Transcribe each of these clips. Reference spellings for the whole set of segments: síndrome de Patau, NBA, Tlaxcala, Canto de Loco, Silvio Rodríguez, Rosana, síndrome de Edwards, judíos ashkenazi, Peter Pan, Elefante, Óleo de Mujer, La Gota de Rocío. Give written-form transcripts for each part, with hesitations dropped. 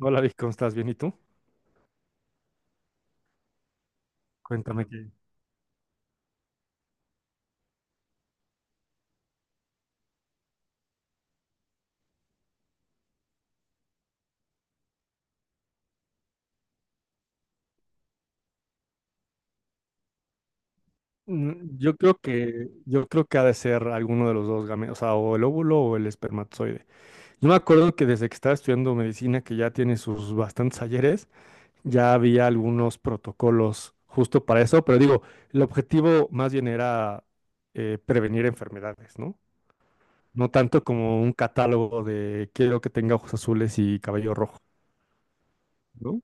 Hola Vic, ¿cómo estás? ¿Bien y tú? Cuéntame que... Yo creo que ha de ser alguno de los dos gametos, o sea, o el óvulo o el espermatozoide. Yo me acuerdo que desde que estaba estudiando medicina, que ya tiene sus bastantes ayeres, ya había algunos protocolos justo para eso, pero digo, el objetivo más bien era prevenir enfermedades, ¿no? No tanto como un catálogo de quiero que tenga ojos azules y cabello rojo, ¿no?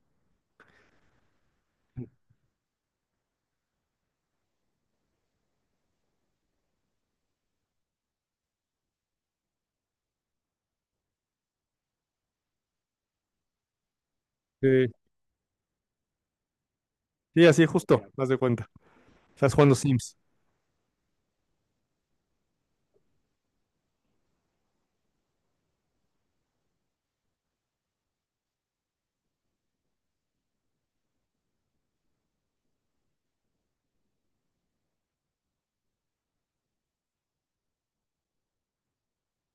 Sí, sí, así justo, más de cuenta. Estás jugando Sims.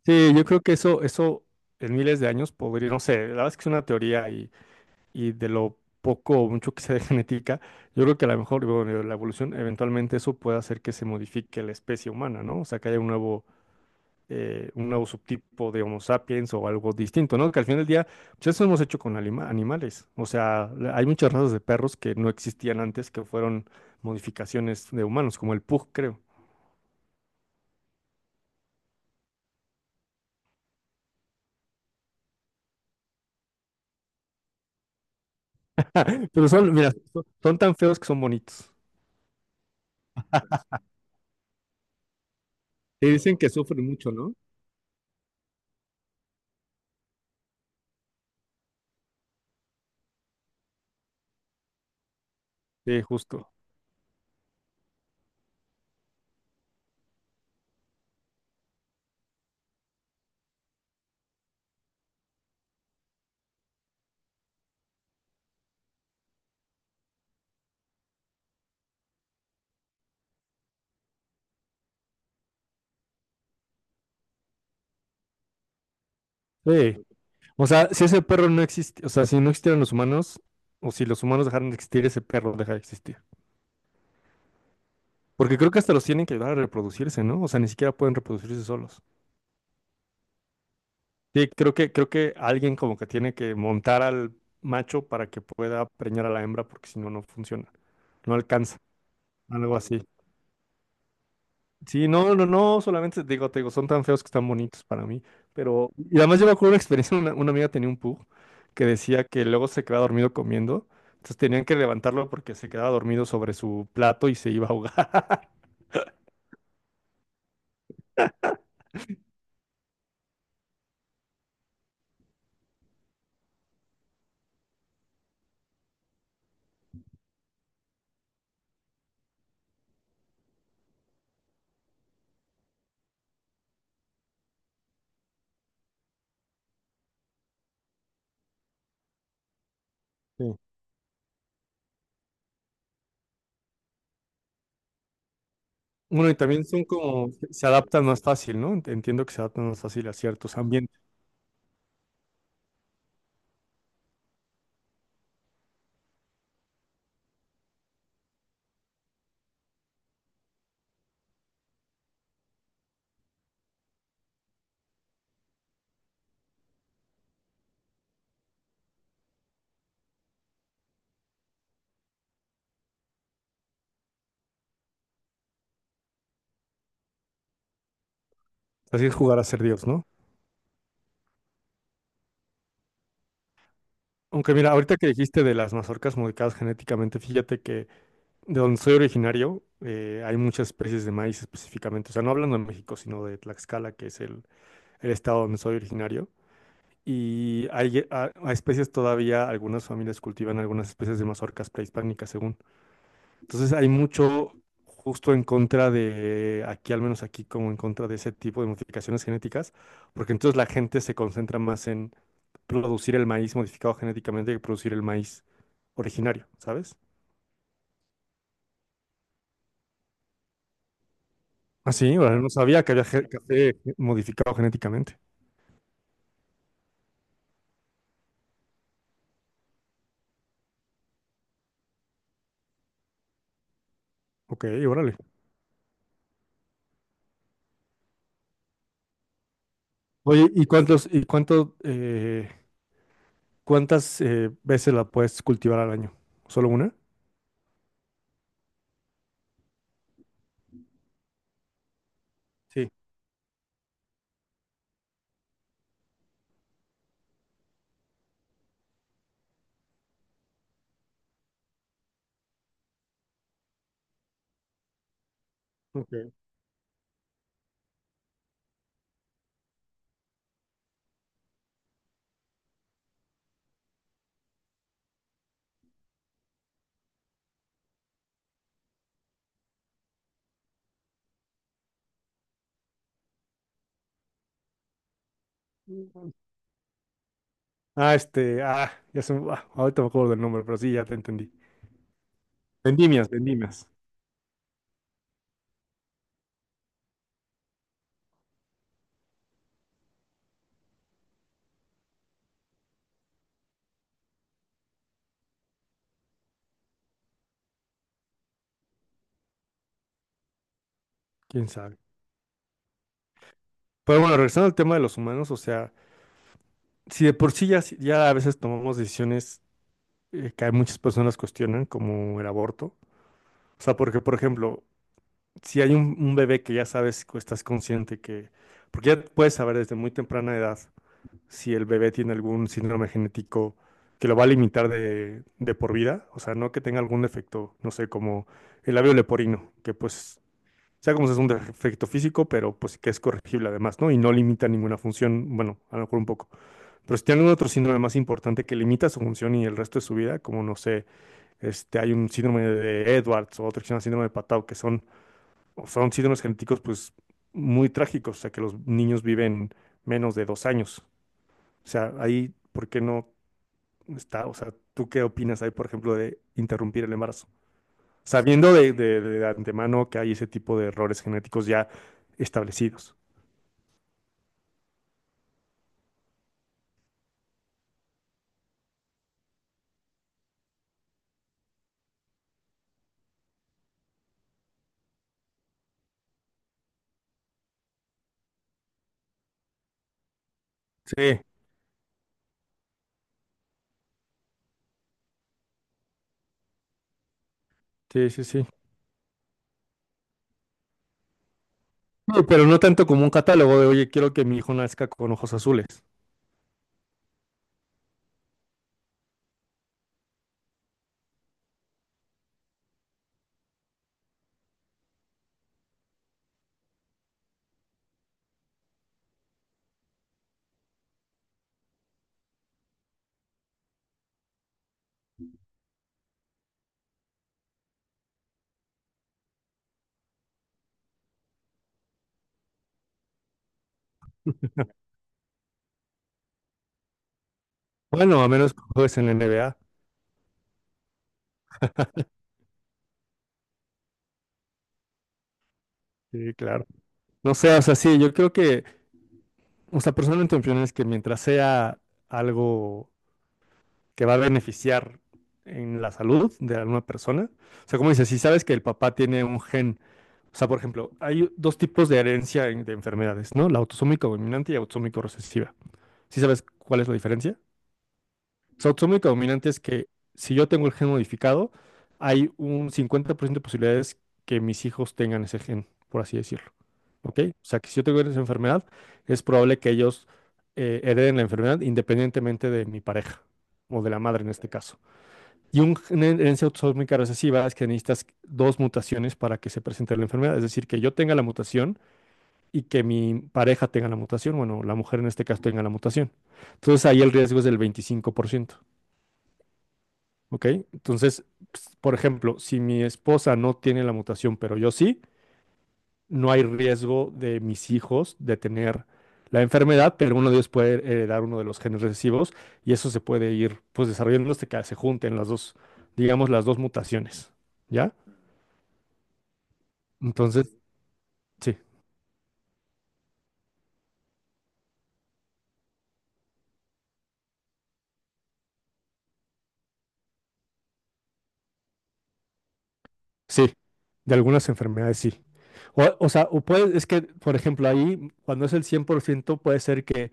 Sí, yo creo que eso en miles de años podría, no sé, la verdad es que es una teoría y de lo poco o mucho que sea de genética, yo creo que a lo mejor, bueno, la evolución, eventualmente eso puede hacer que se modifique la especie humana, ¿no? O sea, que haya un nuevo subtipo de Homo sapiens o algo distinto, ¿no? Que al final del día, pues eso hemos hecho con animales. O sea, hay muchas razas de perros que no existían antes, que fueron modificaciones de humanos, como el pug, creo. Pero mira, son tan feos que son bonitos. Y dicen que sufren mucho, ¿no? Sí, justo. Sí. O sea, si ese perro no existe, o sea, si no existieran los humanos, o si los humanos dejaran de existir, ese perro deja de existir. Porque creo que hasta los tienen que ayudar a reproducirse, ¿no? O sea, ni siquiera pueden reproducirse solos. Sí, creo que alguien como que tiene que montar al macho para que pueda preñar a la hembra, porque si no, no funciona. No alcanza. Algo así. Sí, no, no, no, solamente te digo, son tan feos que están bonitos para mí. Pero, y además yo me acuerdo una experiencia, una amiga tenía un pug que decía que luego se quedaba dormido comiendo, entonces tenían que levantarlo porque se quedaba dormido sobre su plato y se iba a ahogar. Sí. Bueno, y también son como, se adaptan más fácil, ¿no? Entiendo que se adaptan más fácil a ciertos ambientes. Así es jugar a ser Dios, ¿no? Aunque mira, ahorita que dijiste de las mazorcas modificadas genéticamente, fíjate que de donde soy originario, hay muchas especies de maíz específicamente. O sea, no hablando de México, sino de Tlaxcala, que es el estado donde soy originario. Y hay, a especies todavía, algunas familias cultivan algunas especies de mazorcas prehispánicas, según. Entonces, hay mucho justo en contra de, aquí, al menos aquí, como en contra de ese tipo de modificaciones genéticas, porque entonces la gente se concentra más en producir el maíz modificado genéticamente que producir el maíz originario, ¿sabes? Ah, sí, órale, no sabía que había café modificado genéticamente. Ok, órale. Oye, cuántas veces la puedes cultivar al año? ¿Solo una? Sí. Ok. Ah, este, ah, ya se me, ah, ahorita me acuerdo del nombre, pero sí, ya te entendí. Vendimias, vendimias. Quién sabe. Pero bueno, regresando al tema de los humanos, o sea, si de por sí ya a veces tomamos decisiones que hay muchas personas cuestionan, como el aborto. O sea, porque, por ejemplo, si hay un bebé que ya sabes, que estás consciente que, porque ya puedes saber desde muy temprana edad si el bebé tiene algún síndrome genético que lo va a limitar de por vida, o sea, no que tenga algún defecto, no sé, como el labio leporino, que pues, sea como sea, es un defecto físico, pero pues que es corregible además, ¿no? Y no limita ninguna función, bueno, a lo mejor un poco. Pero si tiene algún otro síndrome más importante que limita su función y el resto de su vida, como no sé, este, hay un síndrome de Edwards o otro que se llama síndrome de Patau, que son síndromes genéticos pues muy trágicos, o sea, que los niños viven menos de 2 años. O sea, ahí, ¿por qué no está? O sea, ¿tú qué opinas ahí, por ejemplo, de interrumpir el embarazo? Sabiendo de antemano que hay ese tipo de errores genéticos ya establecidos. Sí, sí, sí, sí. No, pero no tanto como un catálogo de, oye, quiero que mi hijo nazca con ojos azules. Bueno, a menos que juegues en la NBA. Sí, claro. No sé, o sea, sí, yo creo que, o sea, personalmente mi opinión es que mientras sea algo que va a beneficiar en la salud de alguna persona. O sea, como dices, si sabes que el papá tiene un gen, o sea, por ejemplo, hay dos tipos de herencia de enfermedades, ¿no? La autosómica dominante y autosómica recesiva. ¿Sí sabes cuál es la diferencia? La autosómica dominante es que si yo tengo el gen modificado, hay un 50% de posibilidades que mis hijos tengan ese gen, por así decirlo. ¿Ok? O sea, que si yo tengo esa enfermedad, es probable que ellos hereden la enfermedad independientemente de mi pareja o de la madre en este caso. Y una herencia autosómica recesiva es que necesitas dos mutaciones para que se presente la enfermedad. Es decir, que yo tenga la mutación y que mi pareja tenga la mutación. Bueno, la mujer en este caso tenga la mutación. Entonces ahí el riesgo es del 25%. ¿Ok? Entonces, por ejemplo, si mi esposa no tiene la mutación, pero yo sí, no hay riesgo de mis hijos de tener la enfermedad, pero uno de ellos puede heredar uno de los genes recesivos y eso se puede ir pues desarrollando hasta que se junten las dos, digamos, las dos mutaciones. ¿Ya? Entonces, sí, sí, de algunas enfermedades sí. O sea, o puede, es que, por ejemplo, ahí, cuando es el 100% puede ser que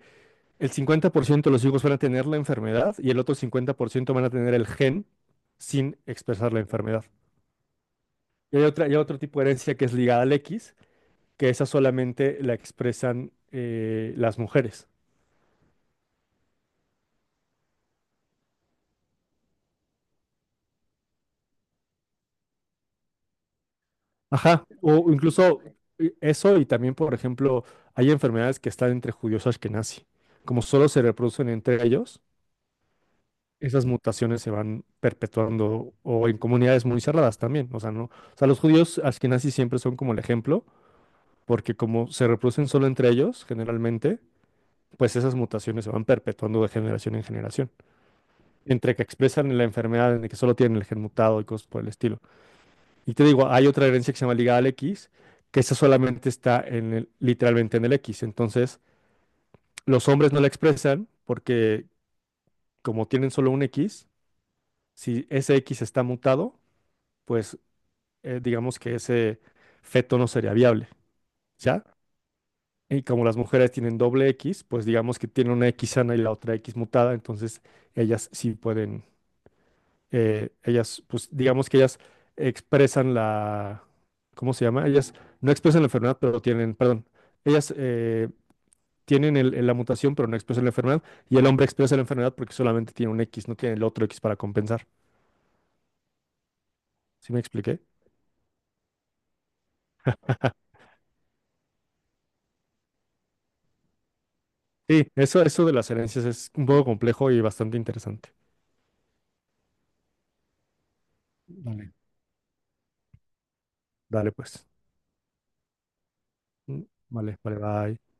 el 50% de los hijos van a tener la enfermedad y el otro 50% van a tener el gen sin expresar la enfermedad. Y hay hay otro tipo de herencia que es ligada al X, que esa solamente la expresan las mujeres. Ajá, o incluso eso y también, por ejemplo, hay enfermedades que están entre judíos ashkenazi, como solo se reproducen entre ellos esas mutaciones se van perpetuando o en comunidades muy cerradas también. O sea, no, o sea, los judíos askenazis siempre son como el ejemplo, porque como se reproducen solo entre ellos, generalmente, pues esas mutaciones se van perpetuando de generación en generación. Entre que expresan la enfermedad, entre que solo tienen el gen mutado y cosas por el estilo. Y te digo, hay otra herencia que se llama Liga al X, que esa solamente está literalmente en el X. Entonces, los hombres no la expresan porque como tienen solo un X, si ese X está mutado, pues digamos que ese feto no sería viable, ¿ya? Y como las mujeres tienen doble X, pues digamos que tienen una X sana y la otra X mutada, entonces ellas sí pueden, ellas, pues digamos que ellas expresan la, ¿cómo se llama? Ellas no expresan la enfermedad, pero tienen, perdón, ellas tienen la mutación, pero no expresan la enfermedad, y el hombre expresa la enfermedad porque solamente tiene un X, no tiene el otro X para compensar. ¿Sí me expliqué? Sí, eso de las herencias es un poco complejo y bastante interesante. Vale. Dale pues. Mm, Vale, vale, bye.